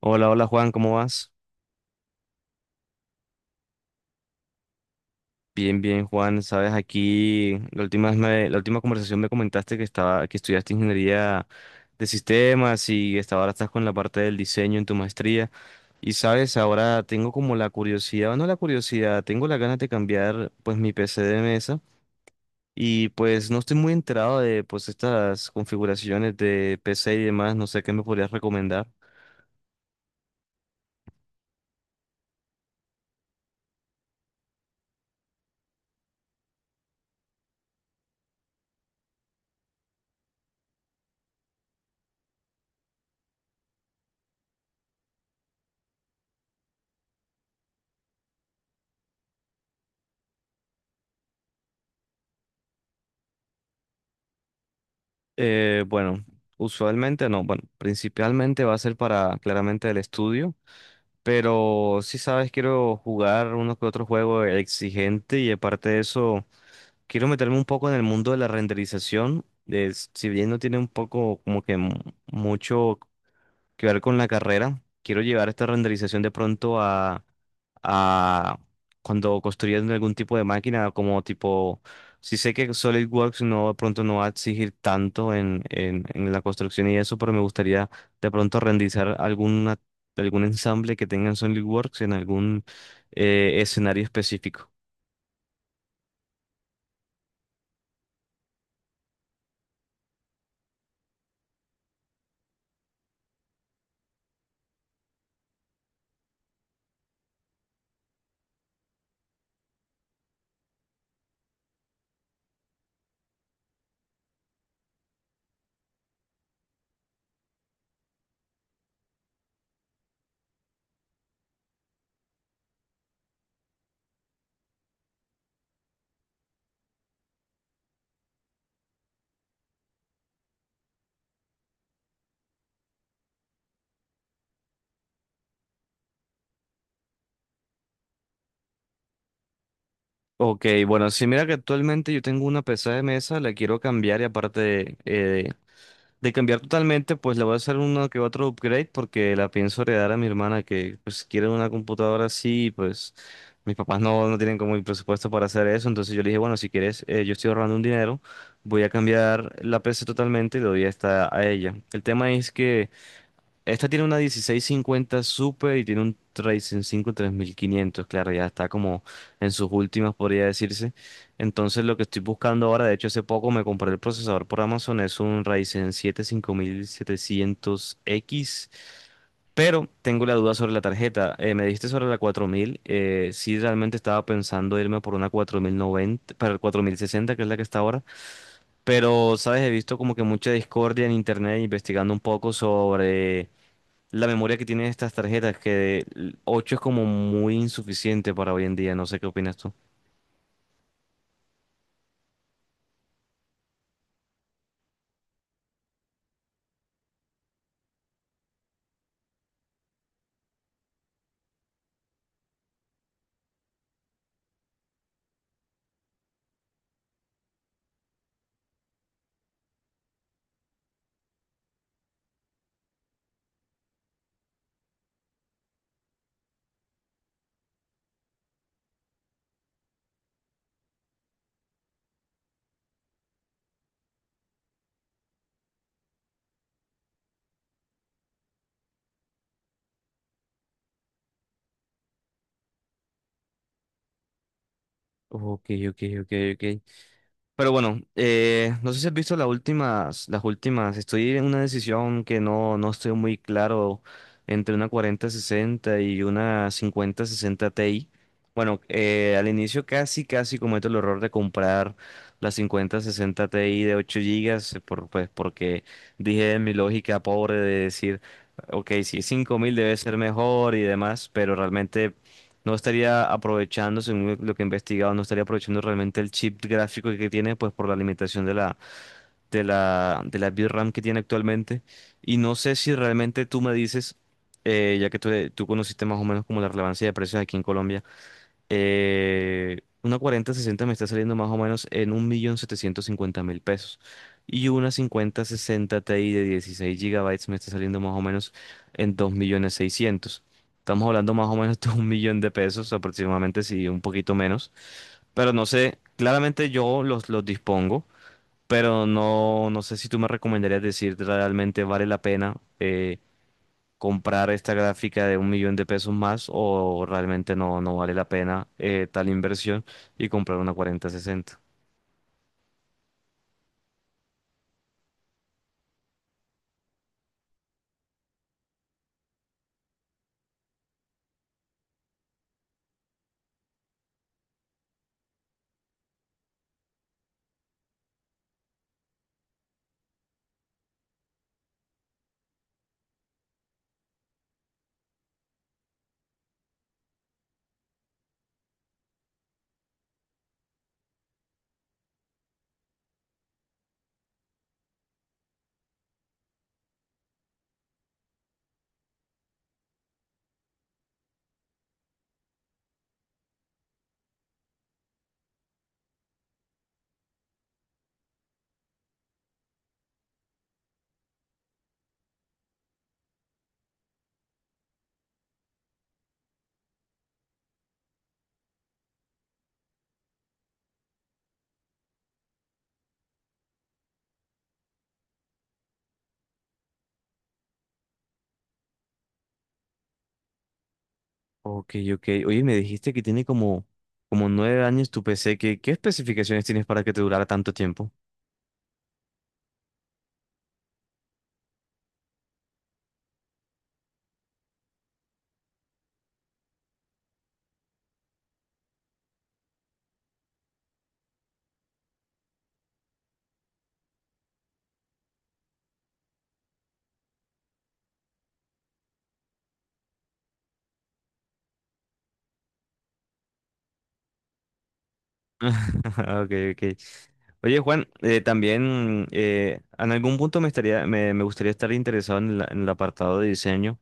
Hola, hola Juan, ¿cómo vas? Bien, bien Juan, sabes, aquí la última vez la última conversación me comentaste que que estudiaste ingeniería de sistemas y ahora estás con la parte del diseño en tu maestría. Y sabes, ahora tengo como la curiosidad, o no la curiosidad, tengo la ganas de cambiar pues mi PC de mesa y pues no estoy muy enterado de pues estas configuraciones de PC y demás, no sé qué me podrías recomendar. Bueno, usualmente no, bueno, principalmente va a ser para claramente el estudio. Pero sí sabes, quiero jugar uno que otro juego exigente y aparte de eso, quiero meterme un poco en el mundo de la renderización. Si bien no tiene un poco como que mucho que ver con la carrera. Quiero llevar esta renderización de pronto a cuando construyan algún tipo de máquina, como tipo, si sé que SolidWorks no de pronto no va a exigir tanto en la construcción y eso, pero me gustaría de pronto renderizar algún ensamble que tenga en SolidWorks en algún escenario específico. Ok, bueno, sí, mira que actualmente yo tengo una PC de mesa, la quiero cambiar y aparte de cambiar totalmente, pues le voy a hacer uno que otro upgrade porque la pienso heredar a mi hermana que pues quiere una computadora así y pues mis papás no tienen como el presupuesto para hacer eso. Entonces yo le dije, bueno, si quieres, yo estoy ahorrando un dinero, voy a cambiar la PC totalmente y le doy esta a ella. El tema es que esta tiene una 1650 Super y tiene un Ryzen cinco 3500, claro, ya está como en sus últimas, podría decirse. Entonces, lo que estoy buscando ahora, de hecho, hace poco me compré el procesador por Amazon, es un Ryzen siete 5700 x, pero tengo la duda sobre la tarjeta. Me dijiste sobre la 4000, sí, realmente estaba pensando irme por una 4090 para el 4060 que es la que está ahora, pero, sabes, he visto como que mucha discordia en internet investigando un poco sobre la memoria que tienen estas tarjetas, que 8 es como muy insuficiente para hoy en día, no sé qué opinas tú. Ok, ok, ok, ok. Pero bueno, no sé si has visto las últimas. Estoy en una decisión que no estoy muy claro entre una 4060 y una 5060 Ti. Bueno, al inicio casi, casi cometo el error de comprar la 5060 Ti de 8 gigas, pues porque dije en mi lógica pobre de decir, ok, si es 5000 debe ser mejor y demás, pero realmente no estaría aprovechando, según lo que he investigado, no estaría aprovechando realmente el chip gráfico que tiene, pues por la limitación de la VRAM que tiene actualmente. Y no sé si realmente tú me dices, ya que tú conociste más o menos como la relevancia de precios aquí en Colombia, una 4060 me está saliendo más o menos en 1.750.000 pesos. Y una 5060 Ti de 16 gigabytes me está saliendo más o menos en 2.600.000. Estamos hablando más o menos de 1.000.000 de pesos aproximadamente, si un poquito menos. Pero no sé, claramente yo los dispongo, pero no sé si tú me recomendarías decir realmente vale la pena, comprar esta gráfica de 1.000.000 de pesos más o realmente no vale la pena, tal inversión, y comprar una 4060. Ok, ok. Oye, me dijiste que tiene como 9 años tu PC. ¿Qué especificaciones tienes para que te durara tanto tiempo? Ok, ok. Oye, Juan, también en algún punto me gustaría estar interesado en el apartado de diseño.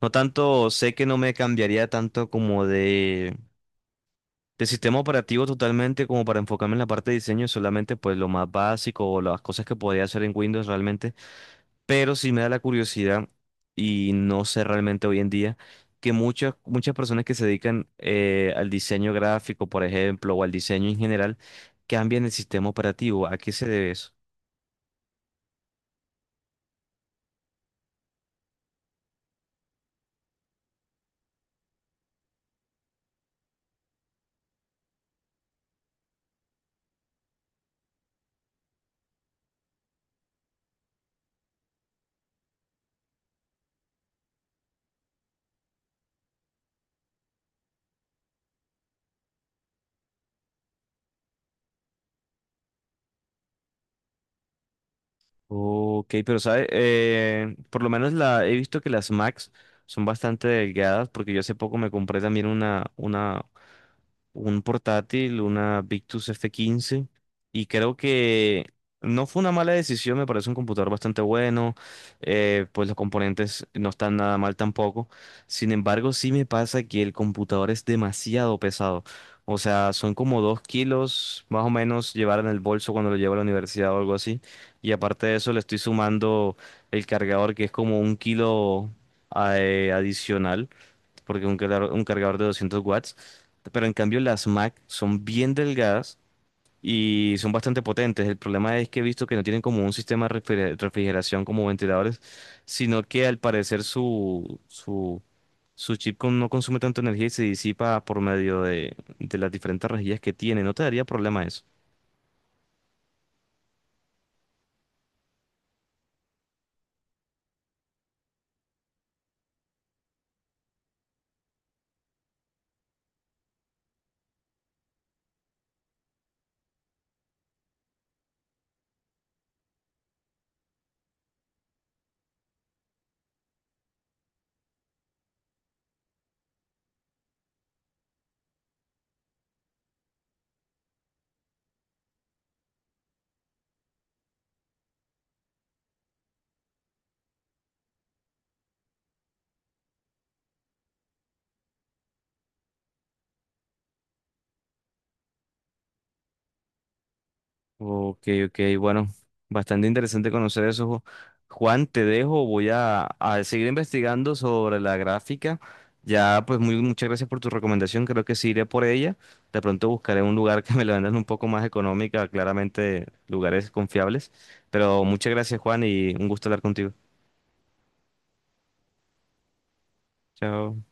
No tanto, sé que no me cambiaría tanto como de sistema operativo totalmente como para enfocarme en la parte de diseño, solamente pues lo más básico o las cosas que podía hacer en Windows realmente, pero sí me da la curiosidad y no sé realmente hoy en día que muchas personas que se dedican, al diseño gráfico, por ejemplo, o al diseño en general, cambian el sistema operativo. ¿A qué se debe eso? Ok, pero sabe, por lo menos la he visto que las Max son bastante delgadas porque yo hace poco me compré también un portátil, una Victus F15, y creo que no fue una mala decisión, me parece un computador bastante bueno, pues los componentes no están nada mal tampoco. Sin embargo, sí me pasa que el computador es demasiado pesado. O sea, son como 2 kilos más o menos llevar en el bolso cuando lo llevo a la universidad o algo así. Y aparte de eso, le estoy sumando el cargador, que es como 1 kilo adicional, porque un cargador de 200 watts. Pero en cambio, las Mac son bien delgadas y son bastante potentes. El problema es que he visto que no tienen como un sistema de refrigeración como ventiladores, sino que al parecer su chip no consume tanta energía y se disipa por medio de las diferentes rejillas que tiene. ¿No te daría problema eso? Ok, ok, bueno, bastante interesante conocer eso. Juan, te dejo, voy a seguir investigando sobre la gráfica. Ya, pues muchas gracias por tu recomendación, creo que sí iré por ella. De pronto buscaré un lugar que me la vendan un poco más económica, claramente lugares confiables. Pero muchas gracias, Juan, y un gusto hablar contigo. Chao.